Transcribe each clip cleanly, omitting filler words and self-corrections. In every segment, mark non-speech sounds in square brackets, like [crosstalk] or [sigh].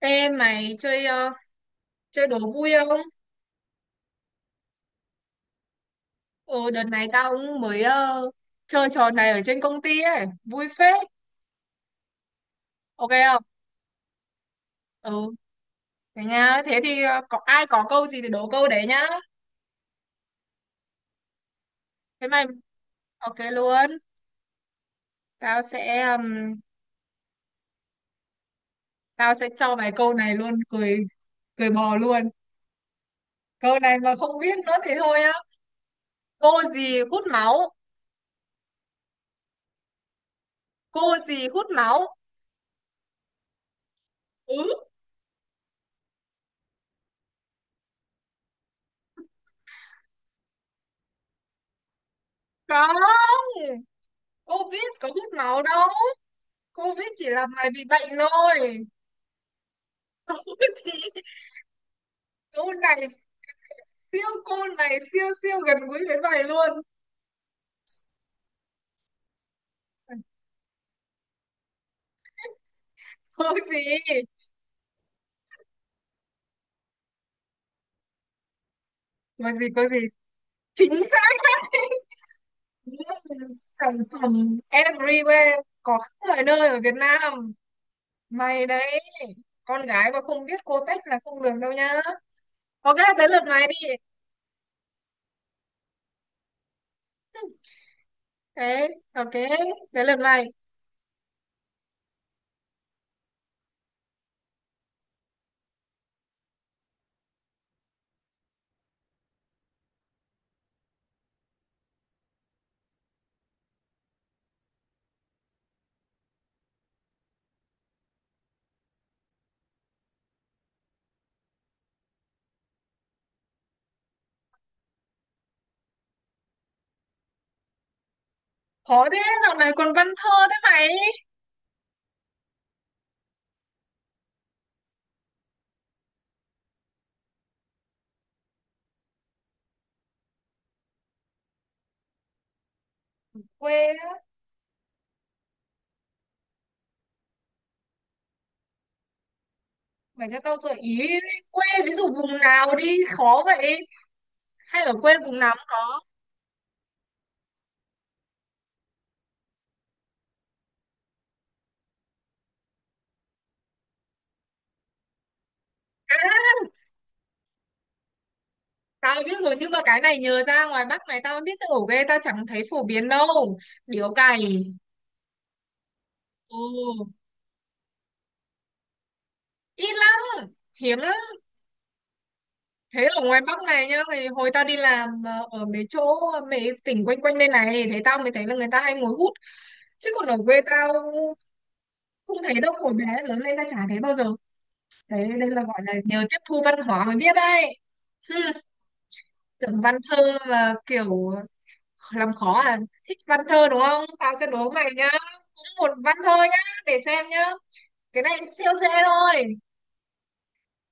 Ê mày chơi chơi đố vui không? Ồ đợt này tao cũng mới chơi trò này ở trên công ty ấy, vui phết. Ok không? Ừ, thế nha. Thế thì có ai có câu gì thì đố câu đấy nhá. Thế mày ok luôn. Tao sẽ ừm, tao sẽ cho mày câu này luôn, cười cười bò luôn. Câu này mà không biết nữa thì thôi á. Cô gì hút máu? Cô gì hút máu? Ừ, không. Cô biết có hút máu đâu. Cô biết chỉ là mày bị bệnh thôi. [laughs] gì câu này siêu, cô này siêu siêu gần gũi với bài luôn. Có gì có gì có gì chính xác. [laughs] Sản phẩm everywhere, có khắp mọi nơi ở Việt Nam. Mày đấy, con gái mà không biết cô tách là không được đâu nhá. Ok, tới lượt mày đi. Thế ok tới lượt mày Khó thế, dạo này còn văn thơ thế mày? Quê á? Mày cho tao gợi ý. Quê ví dụ vùng nào đi, khó vậy. Hay ở quê vùng nào cũng có? À, tao biết rồi, nhưng mà cái này nhờ ra ngoài Bắc này tao biết chỗ ghê, tao chẳng thấy phổ biến đâu. Điếu cày. Ừ, ít lắm, hiếm lắm. Thế ở ngoài Bắc này nhá, thì hồi tao đi làm ở mấy chỗ, mấy tỉnh quanh quanh đây này, thế tao mới thấy là người ta hay ngồi hút. Chứ còn ở quê tao không thấy đâu, hồi bé lớn lên tao chả thấy bao giờ. Đấy, đây là gọi là nhờ tiếp thu văn hóa mới biết đấy. Hmm. Tưởng văn thơ mà kiểu làm khó à. Thích văn thơ đúng không, tao sẽ đố mày nhá. Cũng một văn thơ nhá. Để xem nhá, cái này siêu dễ thôi.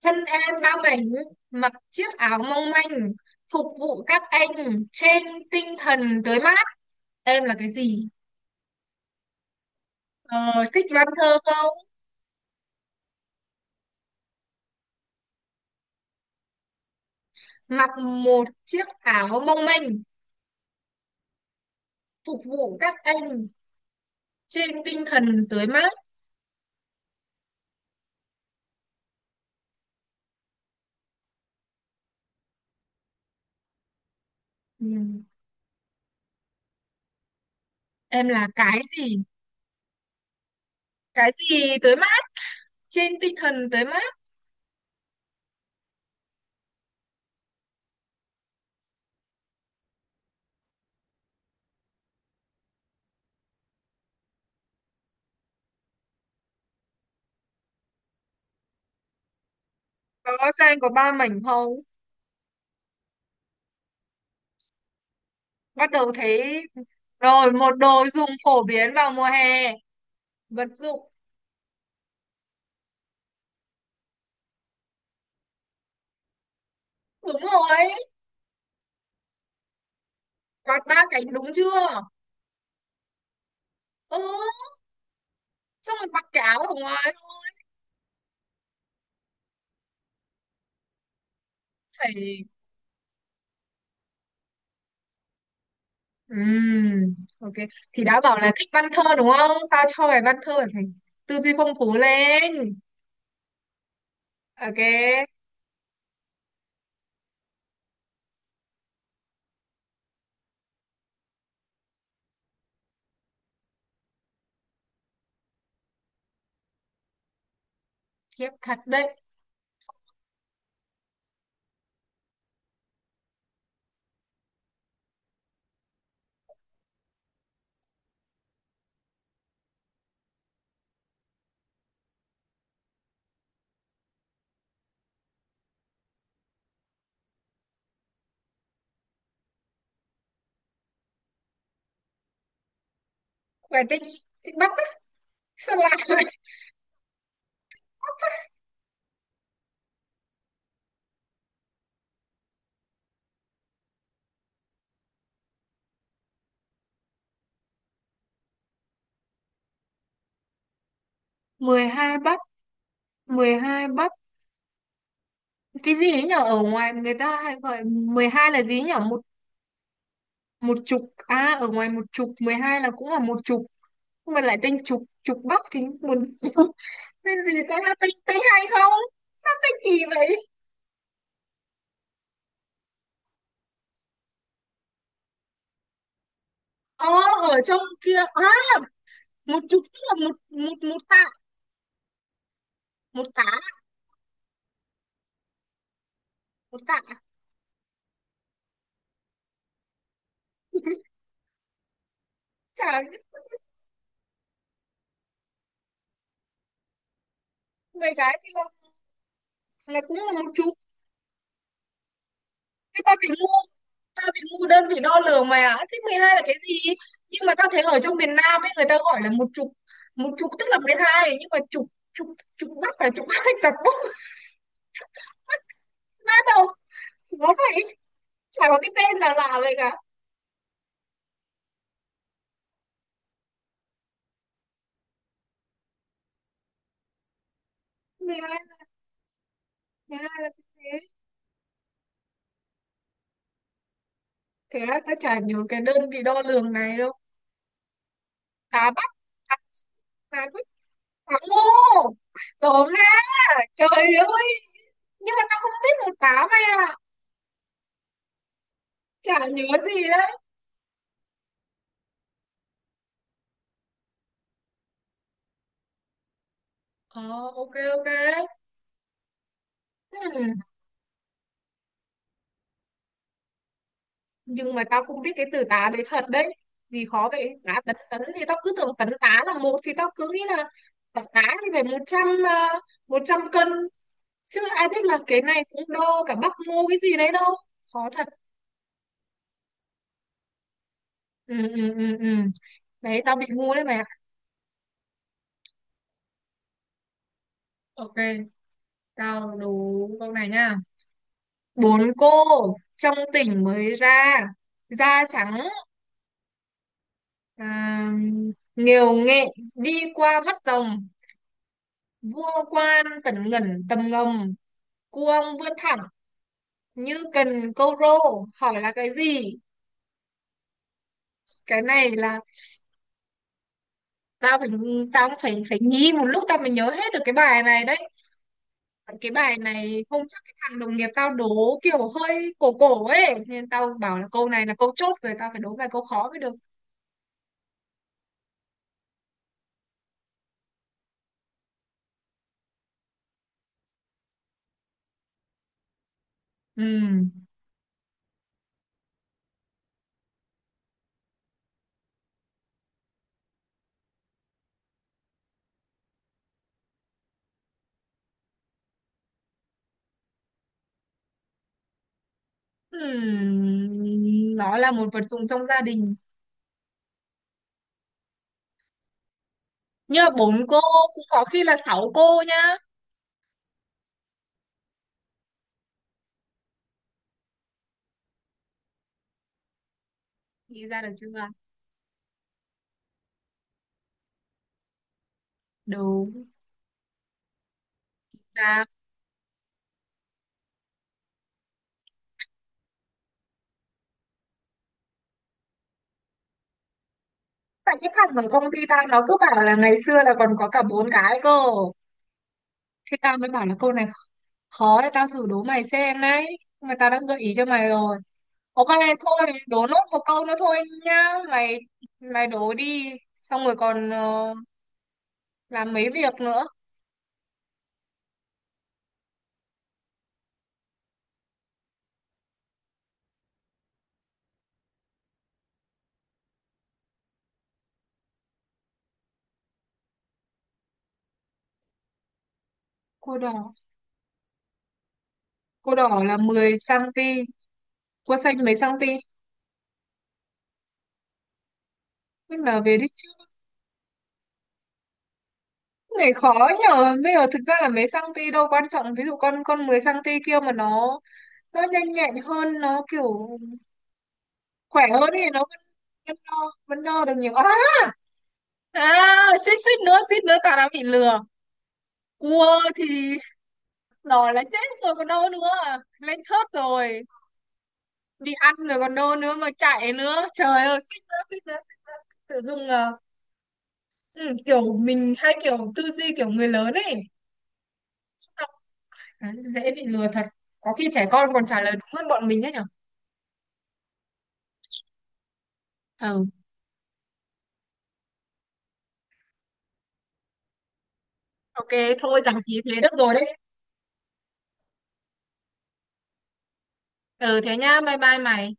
Thân em bao mảnh, mặc chiếc áo mong manh, phục vụ các anh trên tinh thần tới mát. Em là cái gì? ờ, Thích văn thơ không? Mặc một chiếc áo mong manh, phục vụ các anh trên tinh thần tới mát. Ừ. Em là cái gì? Cái gì tới mát, trên tinh thần tới mát. Có ra có ba mảnh không? Bắt đầu thấy rồi, một đồ dùng phổ biến vào mùa hè, vật dụng. Đúng rồi, quạt ba cánh đúng chưa? Ừ, xong rồi mặc cái áo ở ngoài luôn. Phải. Ok. Thì đã bảo là thích văn thơ đúng không, tao cho mày văn thơ, mày phải tư duy phong phú lên. Ok. Khiếp thật đấy. Mày thích thích bắt á? Sao lại [laughs] 12 bắt, 12 bắt, cái gì ấy nhở? Ở ngoài người ta hay gọi 12 là gì ấy nhở? Một chục à, ở ngoài một chục 12 là cũng là một chục. Nhưng mà lại tên chục, chục bắc thì buồn. [laughs] Tên gì ta, là tên tên hay không, tên kỳ vậy. Ờ, ở trong kia à, một chục tức là một một một tạ. Một tá. Một tạ. [laughs] Chả. Mười cái thì là cũng là một chục. Thế ta bị ngu, ta bị ngu đơn vị đo lường mà, thế 12 là cái gì? Nhưng mà ta thấy ở trong miền Nam ấy, người ta gọi là một chục, một chục tức là mười hai. Nhưng mà chục, chục chục bắc là chục hai. [laughs] Chặt bút hết đâu, nó vậy, chả có cái tên nào lạ vậy cả. Thế ai, thế ai là cái thế. Thế là tao chả nhớ cái đơn vị đo lường này đâu. Cá bách. Cá cá bách, cá ngô, đổ ra. Trời ơi, nhưng mà tao không biết một cá, mày à, chả nhớ gì đấy. Ờ, ok, ok. Hmm. Nhưng mà tao không biết cái từ tá đấy thật đấy. Gì khó vậy, tá tấn tấn thì tao cứ tưởng tấn tá là một, thì tao cứ nghĩ là tấn tá thì phải một trăm một trăm cân, chứ ai biết là cái này cũng đo cả bắp ngô cái gì đấy đâu. Khó thật. Ừ, ừ, ừ, ừ. Đấy tao bị ngu đấy mày ạ. Ok, tao đố câu này nha. Bốn cô trong tỉnh mới ra, da trắng, à, nghều nghệ, đi qua mắt rồng, vua quan tần ngẩn tầm ngầm, cuông vươn thẳng như cần câu rô. Hỏi là cái gì? Cái này là tao phải, tao cũng phải phải nghĩ một lúc tao mới nhớ hết được cái bài này đấy. Cái bài này hôm trước cái thằng đồng nghiệp tao đố kiểu hơi cổ cổ ấy, nên tao bảo là câu này là câu chốt rồi, tao phải đố vài câu khó mới được. Ừm. Nó là một vật dụng trong gia đình, như bốn cô, cũng có khi là sáu cô nhá. Nghĩ ra được chưa? Đúng. Là tại cái thằng ở công ty tao nó cứ bảo là ngày xưa là còn có cả bốn cái cơ, thế tao mới bảo là câu này khó. Khó thì tao thử đố mày xem đấy, mà tao đã gợi ý cho mày rồi. Ok. Thôi đố nốt một câu nữa thôi nhá. Mày, mày đố đi. Xong rồi còn làm mấy việc nữa. Cô đỏ. Cô đỏ là mười xăng ti, cô xanh mấy xăng ti? Thế là về đi chứ. Cái này khó nhờ. Bây giờ thực ra là mấy xăng ti đâu quan trọng, ví dụ con mười xăng ti kia mà nó nhanh nhẹn hơn, nó kiểu khỏe hơn thì nó vẫn, vẫn đo vẫn đo được nhiều. À, à, suýt suýt nữa, suýt nữa tao đã bị lừa. Cua thì rồi là chết rồi còn đâu nữa, lên thớt rồi. Đi ăn rồi còn đâu nữa mà chạy nữa. Trời ơi, suýt nữa. Suýt nữa Tự dưng là, ừ, kiểu mình hay kiểu tư duy kiểu người lớn ấy. Đấy, dễ bị lừa thật. Có khi trẻ con còn trả lời đúng hơn bọn mình đấy nhở. Ừ, ok. Thôi rằng gì thế, được rồi đấy. Ừ, thế nhá, bye bye mày.